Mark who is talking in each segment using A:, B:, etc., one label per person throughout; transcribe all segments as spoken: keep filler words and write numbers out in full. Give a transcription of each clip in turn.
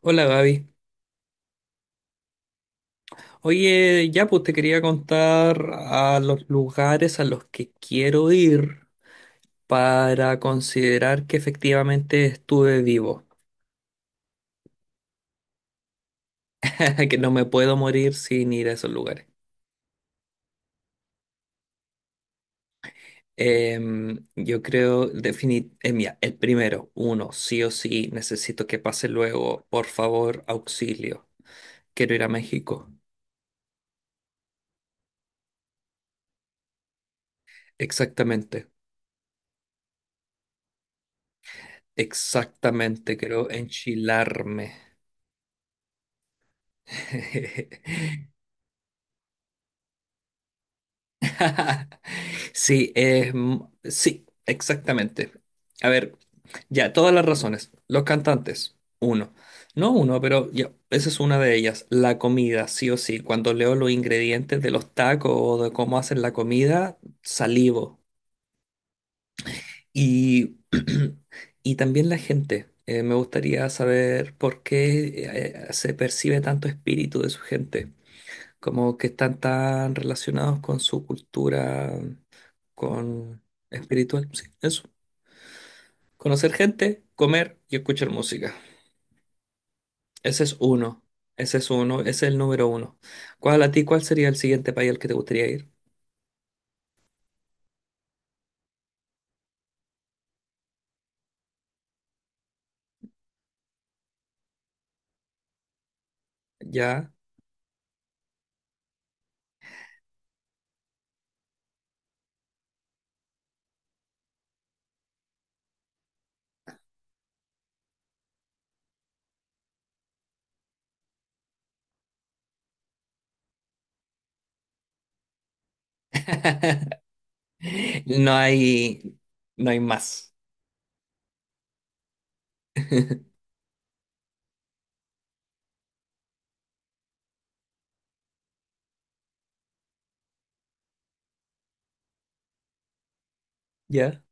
A: Hola Gaby. Oye, ya pues te quería contar a los lugares a los que quiero ir para considerar que efectivamente estuve vivo, que no me puedo morir sin ir a esos lugares. Em, yo creo definir, mira, el primero, uno, sí o sí, necesito que pase luego, por favor, auxilio. Quiero ir a México. Exactamente, exactamente, quiero enchilarme. Sí, es m- sí, exactamente. A ver, ya, todas las razones. Los cantantes, uno. No uno, pero ya, esa es una de ellas. La comida, sí o sí. Cuando leo los ingredientes de los tacos o de cómo hacen la comida, salivo. Y, y también la gente. Eh, me gustaría saber por qué eh, se percibe tanto espíritu de su gente. Como que están tan relacionados con su cultura con espiritual, sí, eso. Conocer gente, comer y escuchar música. Ese es uno. Ese es uno, ese es el número uno. ¿Cuál a ti, cuál sería el siguiente país al que te gustaría ir? Ya. No hay, no hay más. Ya.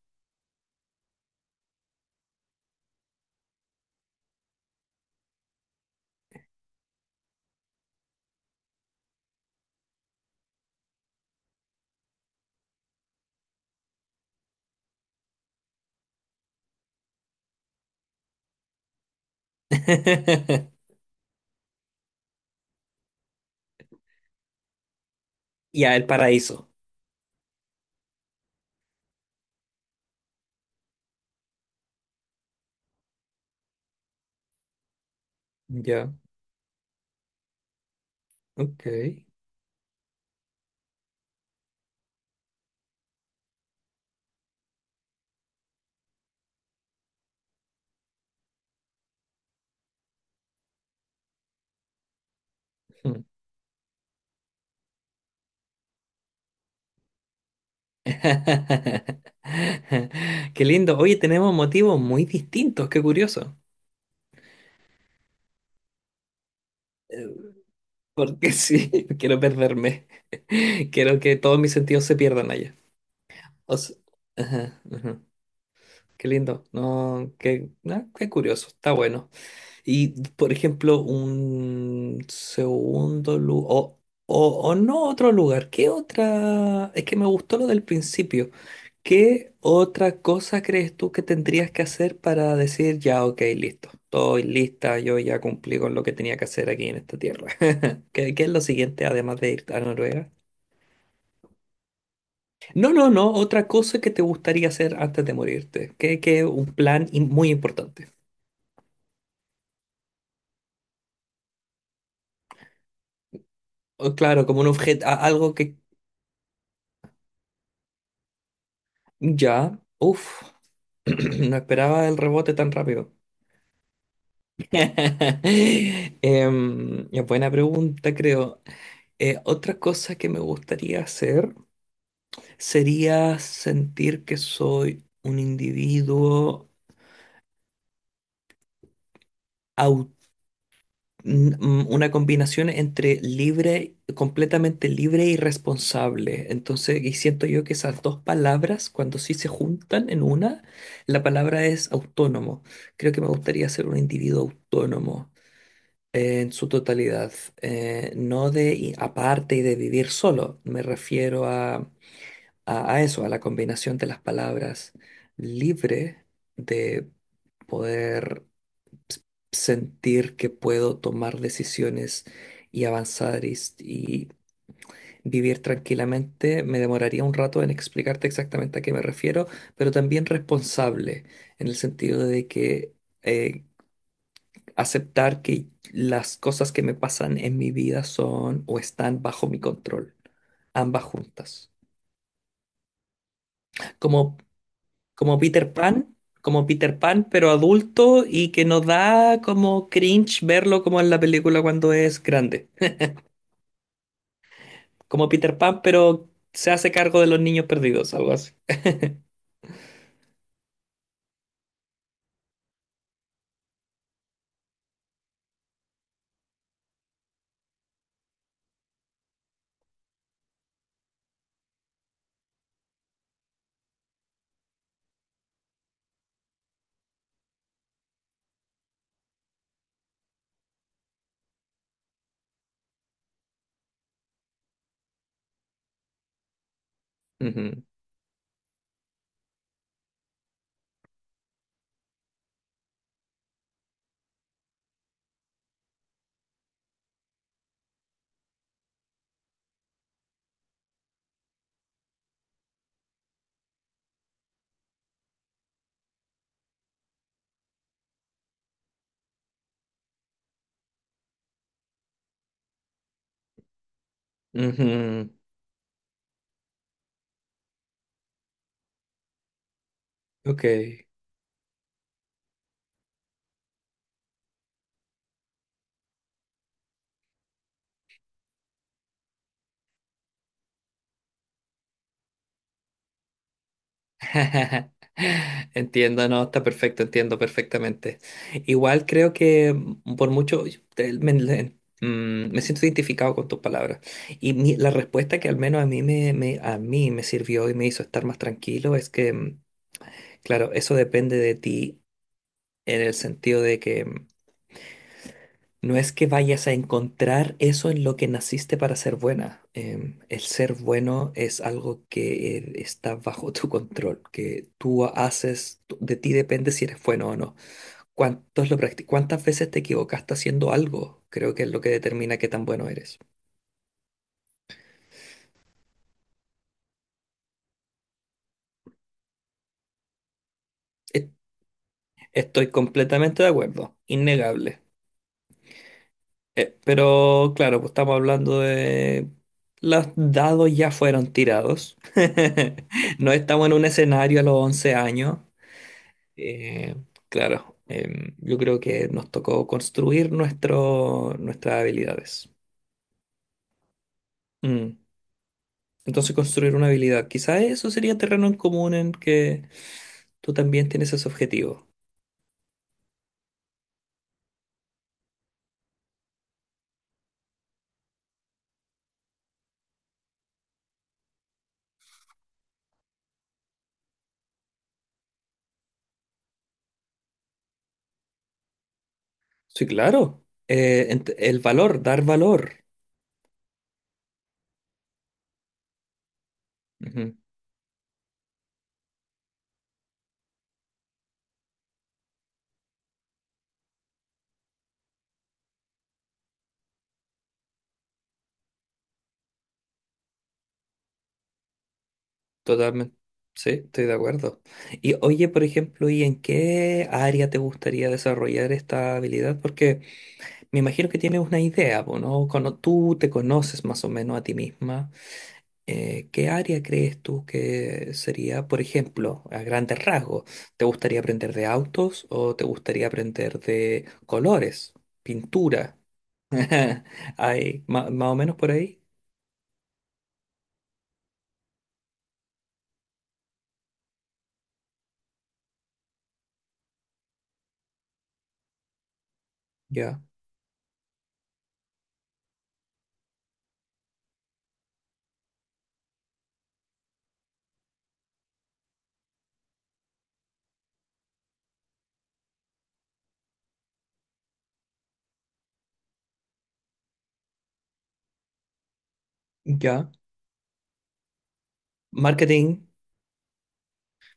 A: Ya, el paraíso. Ya, ok. Hmm. Qué lindo. Oye, tenemos motivos muy distintos, qué curioso. Eh, Porque sí, no quiero perderme. Quiero que todos mis sentidos se pierdan allá. O s- ajá, ajá. Qué lindo. No, qué, ah, qué curioso. Está bueno. Y, por ejemplo, un segundo lugar. O, o, o no otro lugar. ¿Qué otra? Es que me gustó lo del principio. ¿Qué otra cosa crees tú que tendrías que hacer para decir ya, ok, listo? Estoy lista, yo ya cumplí con lo que tenía que hacer aquí en esta tierra. ¿Qué, qué es lo siguiente, además de ir a Noruega? No, no, no, otra cosa que te gustaría hacer antes de morirte. Que, que un plan in- muy importante. O claro, como un objeto, algo que ya, uff, no esperaba el rebote tan rápido. Em, ya, buena pregunta, creo. Eh, otra cosa que me gustaría hacer sería sentir que soy un individuo n- mm, una combinación entre libre, completamente libre y responsable. Entonces, y siento yo que esas dos palabras, cuando sí se juntan en una, la palabra es autónomo. Creo que me gustaría ser un individuo autónomo eh, en su totalidad, eh, no de i- aparte y de vivir solo. Me refiero a, a a eso, a la combinación de las palabras libre de poder sentir que puedo tomar decisiones y avanzar y, s- y vivir tranquilamente. Me demoraría un rato en explicarte exactamente a qué me refiero, pero también responsable, en el sentido de que eh, aceptar que las cosas que me pasan en mi vida son o están bajo mi control, ambas juntas. Como, como Peter Pan. Como Peter Pan, pero adulto y que nos da como cringe verlo como en la película cuando es grande. Como Peter Pan, pero se hace cargo de los niños perdidos, algo así. Ujú, ujú, ok. Entiendo, no, está perfecto, entiendo perfectamente. Igual creo que mm, por mucho yo te- me, le- mm, me siento identificado con tus palabras. Y mi- la respuesta que al menos a mí me, me- a mí me sirvió y me hizo estar más tranquilo es que, mm, claro, eso depende de ti en el sentido de que mm, no es que vayas a encontrar eso en lo que naciste para ser buena. Em, el ser bueno es algo que eh, está bajo tu control, que tú haces, tú- de ti depende si eres bueno o no. ¿Cuántos lo practi- ¿Cuántas veces te equivocaste haciendo algo? Creo que es lo que determina qué tan bueno eres. E- Estoy completamente de acuerdo, innegable. Eh, pero claro, pues estamos hablando de... Los dados ya fueron tirados. No estamos en un escenario a los once años. Eh, claro, em, yo creo que nos tocó construir nuestro, nuestras habilidades. Mm. Entonces construir una habilidad, quizás eso sería terreno en común en que tú también tienes ese objetivo. Sí, claro. Eh, ent- el valor, dar valor. Ujú, totalmente. Sí, estoy de acuerdo. Y oye, por ejemplo, ¿y en qué área te gustaría desarrollar esta habilidad? Porque me imagino que tienes una idea, po, ¿no? Cuando tú te conoces más o menos a ti misma eh, ¿qué área crees tú que sería, por ejemplo, a grandes rasgos? ¿Te gustaría aprender de autos o te gustaría aprender de colores, pintura? Ahí, ma- más o menos por ahí. Ya, ya. Marketing,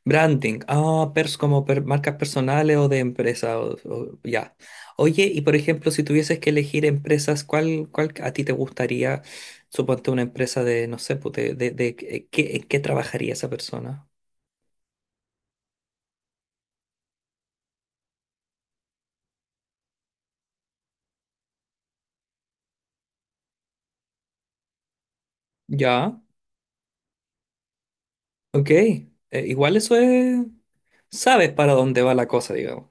A: branding. Ah, pers como per- marcas personales o de empresa. o- o- ya. Oye, y por ejemplo, si tuvieses que elegir empresas, ¿cuál, cuál a ti te gustaría? Suponte una empresa de, no sé, pues, de, de, de- eh, ¿qué, en qué trabajaría esa persona? Ya, ok. Eh, igual eso es... Sabes para dónde va la cosa, digamos.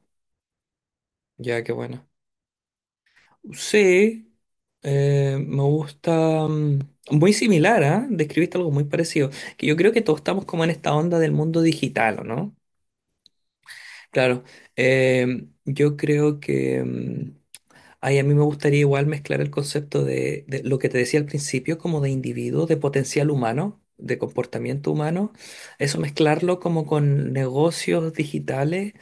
A: Ya, qué bueno. Sí, eh, me gusta... mm, muy similar, ¿ah? Describiste algo muy parecido. Que yo creo que todos estamos como en esta onda del mundo digital, ¿o no? Claro. eh, yo creo que... mm, ay, a mí me gustaría igual mezclar el concepto de, de lo que te decía al principio, como de individuo, de potencial humano, de comportamiento humano, eso mezclarlo como con negocios digitales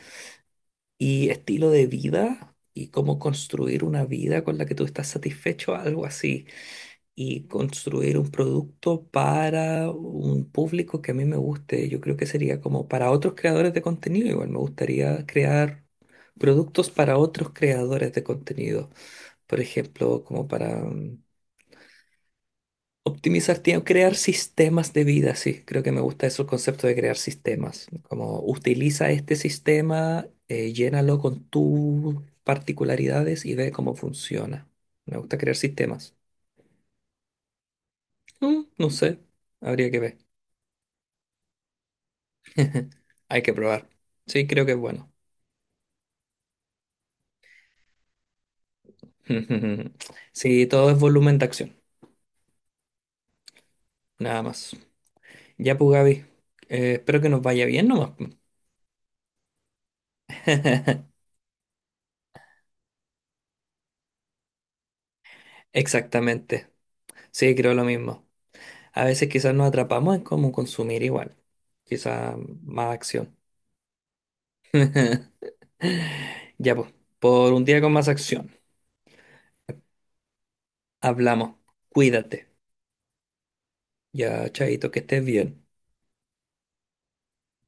A: y estilo de vida y cómo construir una vida con la que tú estás satisfecho, algo así, y construir un producto para un público que a mí me guste. Yo creo que sería como para otros creadores de contenido, igual me gustaría crear productos para otros creadores de contenido por ejemplo, como para mm, optimizar tiempo, crear sistemas de vida, sí, creo que me gusta eso, el concepto de crear sistemas, como utiliza este sistema, eh, llénalo con tus particularidades y ve cómo funciona. Me gusta crear sistemas. Mm, no sé, habría que ver. Hay que probar. Sí, creo que es bueno. Sí, todo es volumen de acción, nada más. Ya pues, Gaby, eh, espero que nos vaya bien nomás. Exactamente. Sí, creo lo mismo. A veces quizás nos atrapamos en cómo consumir igual. Quizás más acción. Ya pues, por un día con más acción. Hablamos. Cuídate. Ya, chaito, que estés bien.